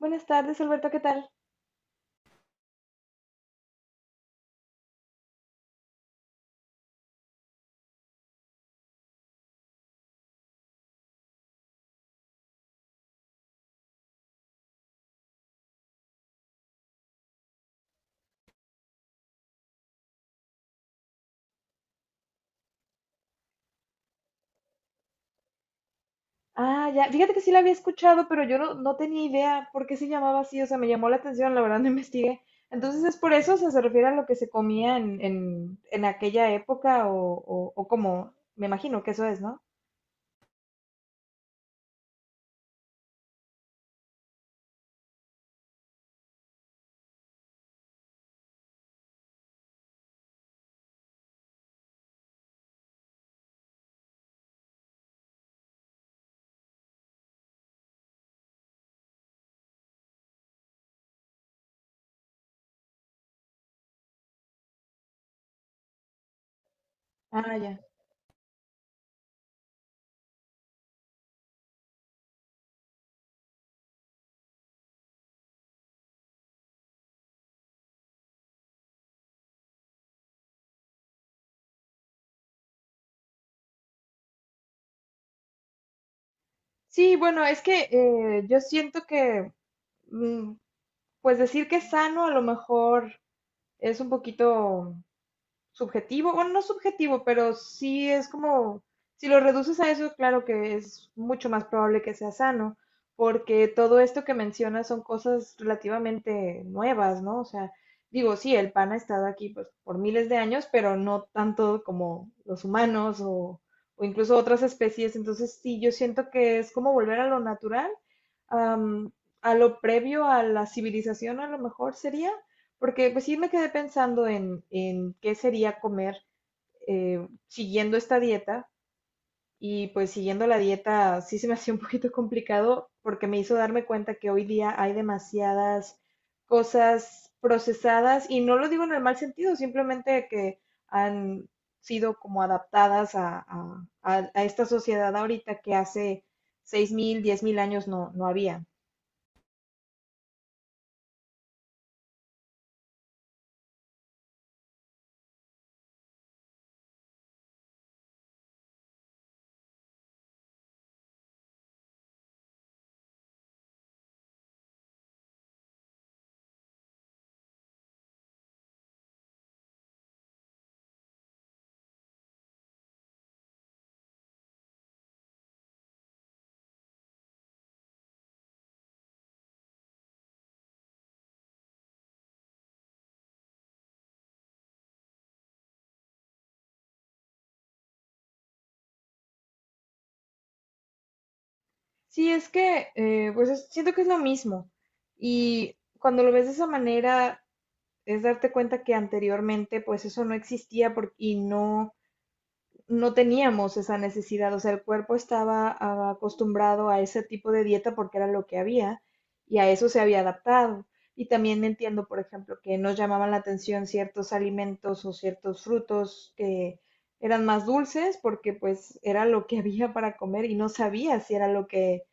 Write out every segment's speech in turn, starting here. Buenas tardes, Alberto, ¿qué tal? Ah, ya, fíjate que sí la había escuchado, pero yo no tenía idea por qué se llamaba así, o sea, me llamó la atención, la verdad no investigué. Entonces es por eso, o sea, se refiere a lo que se comía en aquella época o como, me imagino que eso es, ¿no? Ah, ya. Sí, bueno, es que yo siento que, mm, pues decir que es sano a lo mejor es un poquito subjetivo, bueno, no subjetivo, pero sí es como, si lo reduces a eso, claro que es mucho más probable que sea sano, porque todo esto que mencionas son cosas relativamente nuevas, ¿no? O sea, digo, sí, el pan ha estado aquí pues, por miles de años, pero no tanto como los humanos o incluso otras especies, entonces sí, yo siento que es como volver a lo natural, am, a lo previo a la civilización a lo mejor sería. Porque pues sí me quedé pensando en qué sería comer siguiendo esta dieta y pues siguiendo la dieta sí se me hacía un poquito complicado porque me hizo darme cuenta que hoy día hay demasiadas cosas procesadas y no lo digo en el mal sentido, simplemente que han sido como adaptadas a esta sociedad ahorita que hace 6,000 10,000 años no había. Sí, es que, pues siento que es lo mismo. Y cuando lo ves de esa manera, es darte cuenta que anteriormente, pues eso no existía y no teníamos esa necesidad, o sea, el cuerpo estaba acostumbrado a ese tipo de dieta porque era lo que había y a eso se había adaptado. Y también entiendo, por ejemplo, que nos llamaban la atención ciertos alimentos o ciertos frutos que eran más dulces porque pues era lo que había para comer y no sabía si era lo que,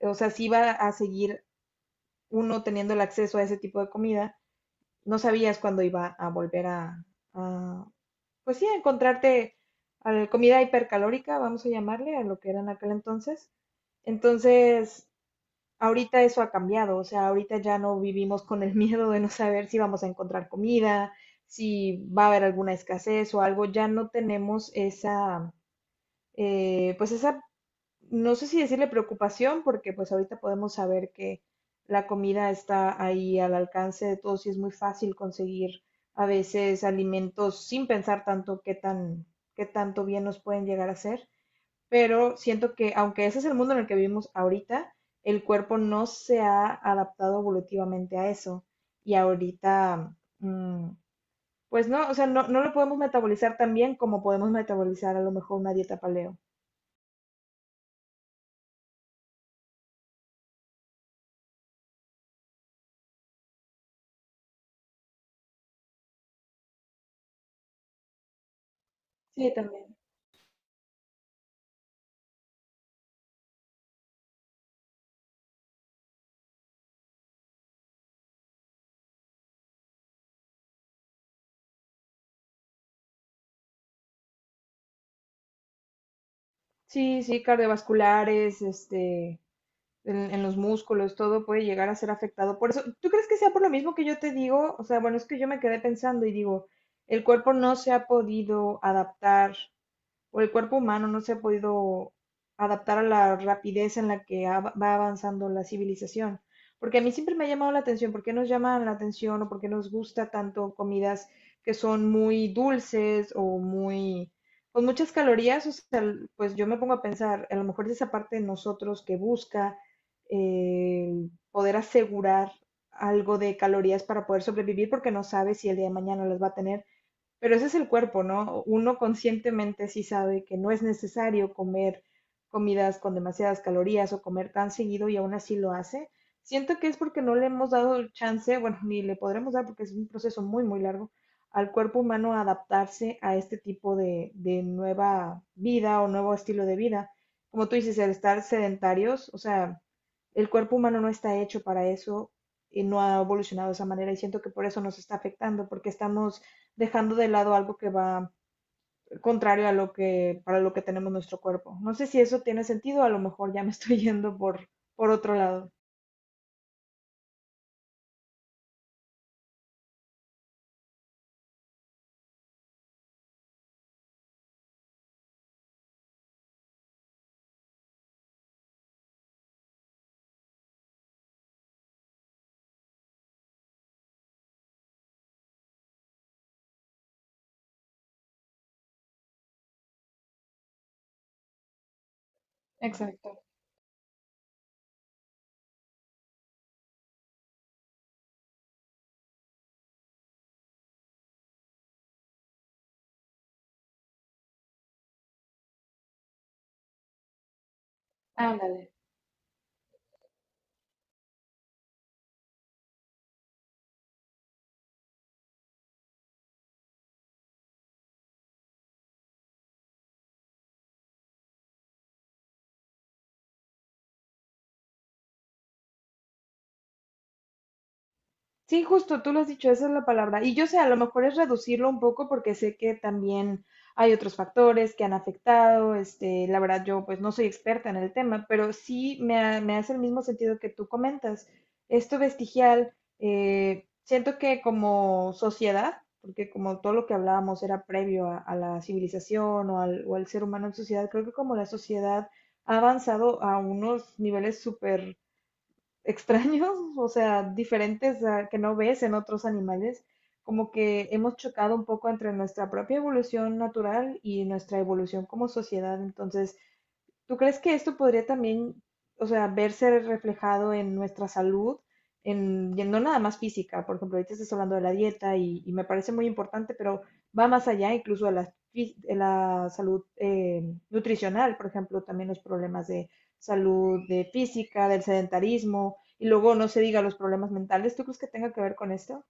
o sea, si iba a seguir uno teniendo el acceso a ese tipo de comida, no sabías cuándo iba a volver a pues sí, a encontrarte a la comida hipercalórica, vamos a llamarle, a lo que era en aquel entonces. Entonces, ahorita eso ha cambiado, o sea, ahorita ya no vivimos con el miedo de no saber si vamos a encontrar comida, si va a haber alguna escasez o algo, ya no tenemos esa, pues esa no sé si decirle preocupación, porque pues ahorita podemos saber que la comida está ahí al alcance de todos y es muy fácil conseguir a veces alimentos sin pensar tanto qué tanto bien nos pueden llegar a hacer. Pero siento que aunque ese es el mundo en el que vivimos ahorita, el cuerpo no se ha adaptado evolutivamente a eso. Y ahorita, pues no, o sea, no lo podemos metabolizar tan bien como podemos metabolizar a lo mejor una dieta paleo. Sí, también. Sí, sí, cardiovasculares, en los músculos, todo puede llegar a ser afectado. Por eso, ¿tú crees que sea por lo mismo que yo te digo? O sea, bueno, es que yo me quedé pensando y digo, el cuerpo no se ha podido adaptar o el cuerpo humano no se ha podido adaptar a la rapidez en la que va avanzando la civilización. Porque a mí siempre me ha llamado la atención, ¿por qué nos llaman la atención o por qué nos gusta tanto comidas que son muy dulces o muy, con muchas calorías? O sea, pues yo me pongo a pensar, a lo mejor es esa parte de nosotros que busca eh, poder asegurar algo de calorías para poder sobrevivir porque no sabe si el día de mañana las va a tener pero ese es el cuerpo, ¿no? Uno conscientemente sí sabe que no es necesario comer comidas con demasiadas calorías o comer tan seguido y aún así lo hace. Siento que es porque no le hemos dado el chance, bueno, ni le podremos dar porque es un proceso muy, muy largo, al cuerpo humano a adaptarse a este tipo de nueva vida o nuevo estilo de vida. Como tú dices, el estar sedentarios, o sea, el cuerpo humano no está hecho para eso y no ha evolucionado de esa manera y siento que por eso nos está afectando, porque estamos dejando de lado algo que va contrario a lo que, para lo que tenemos nuestro cuerpo. No sé si eso tiene sentido, a lo mejor ya me estoy yendo por otro lado. Exacto. Ándale. Sí, justo, tú lo has dicho, esa es la palabra. Y yo sé, a lo mejor es reducirlo un poco porque sé que también hay otros factores que han afectado. Este, la verdad, yo pues no soy experta en el tema, pero sí me hace el mismo sentido que tú comentas. Esto vestigial, siento que como sociedad, porque como todo lo que hablábamos era previo a la civilización o al ser humano en sociedad, creo que como la sociedad ha avanzado a unos niveles súper extraños, o sea, diferentes que no ves en otros animales, como que hemos chocado un poco entre nuestra propia evolución natural y nuestra evolución como sociedad. Entonces, ¿tú crees que esto podría también, o sea, verse reflejado en nuestra salud, y no nada más física? Por ejemplo, ahorita estás hablando de la dieta y me parece muy importante, pero va más allá incluso de la, fí- de la salud nutricional, por ejemplo, también los problemas de salud de física, del sedentarismo, y luego no se diga los problemas mentales. ¿Tú crees que tenga que ver con esto?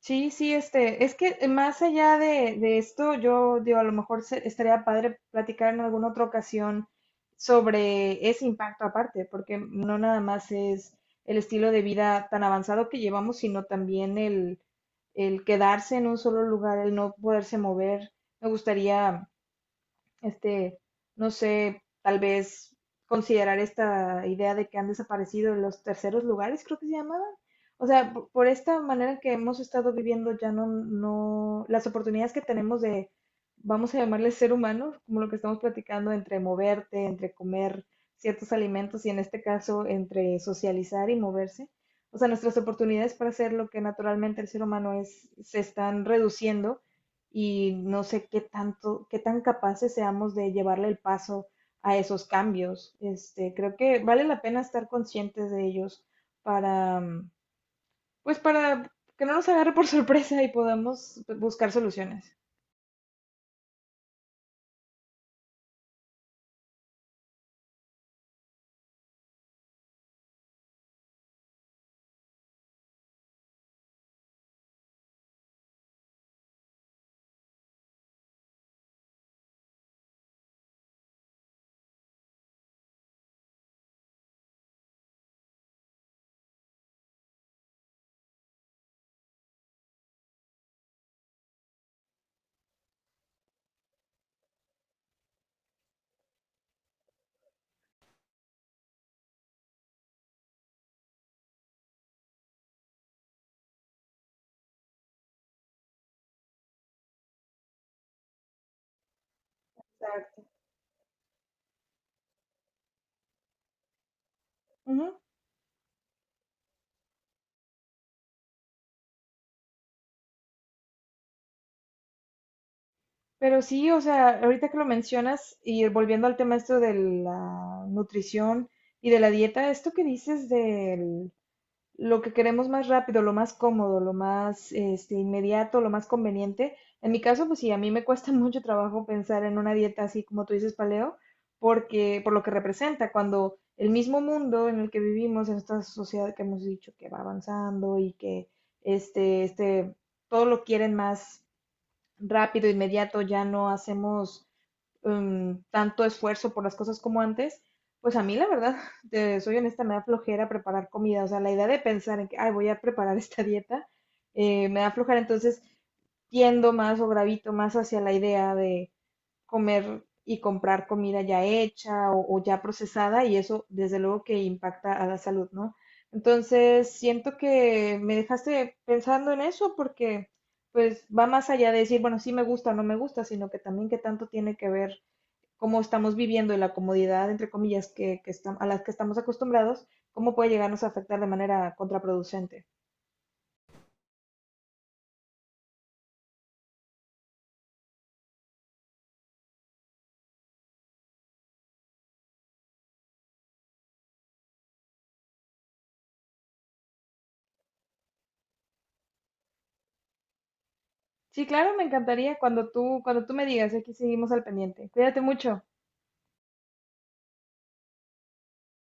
Sí, sí, es que más allá de esto, yo digo, a lo mejor estaría padre platicar en alguna otra ocasión sobre ese impacto aparte, porque no nada más es el estilo de vida tan avanzado que llevamos, sino también el quedarse en un solo lugar, el no poderse mover. Me gustaría este, no sé, tal vez considerar esta idea de que han desaparecido los terceros lugares, creo que se llamaban. O sea, por esta manera en que hemos estado viviendo ya no, las oportunidades que tenemos de, vamos a llamarle ser humano, como lo que estamos platicando, entre moverte, entre comer ciertos alimentos y en este caso entre socializar y moverse. O sea, nuestras oportunidades para hacer lo que naturalmente el ser humano es, se están reduciendo y no sé qué tanto, qué tan capaces seamos de llevarle el paso a esos cambios. Creo que vale la pena estar conscientes de ellos para, mm, pues para que no nos agarre por sorpresa y podamos buscar soluciones. Exacto. Ujú. Pero sí, o sea, ahorita que lo mencionas y volviendo al tema esto de la nutrición y de la dieta, esto que dices del lo que queremos más rápido, lo más cómodo, lo más inmediato, lo más conveniente. En mi caso, pues sí, a mí me cuesta mucho trabajo pensar en una dieta así como tú dices, paleo, porque por lo que representa, cuando el mismo mundo en el que vivimos, en esta sociedad que hemos dicho que va avanzando y que este, este, todo lo quieren más rápido, inmediato, ya no hacemos tanto esfuerzo por las cosas como antes, pues a mí la verdad, te soy honesta, me da flojera preparar comida. O sea, la idea de pensar en que, ay, voy a preparar esta dieta, me da flojera. Entonces, tiendo más o gravito más hacia la idea de comer y comprar comida ya hecha o ya procesada y eso desde luego que impacta a la salud, ¿no? Entonces, siento que me dejaste pensando en eso porque pues va más allá de decir, bueno, sí me gusta o no me gusta, sino que también qué tanto tiene que ver cómo estamos viviendo y la comodidad, entre comillas, a las que estamos acostumbrados, cómo puede llegarnos a afectar de manera contraproducente. Sí, claro, me encantaría cuando tú me digas, aquí seguimos al pendiente. Cuídate mucho.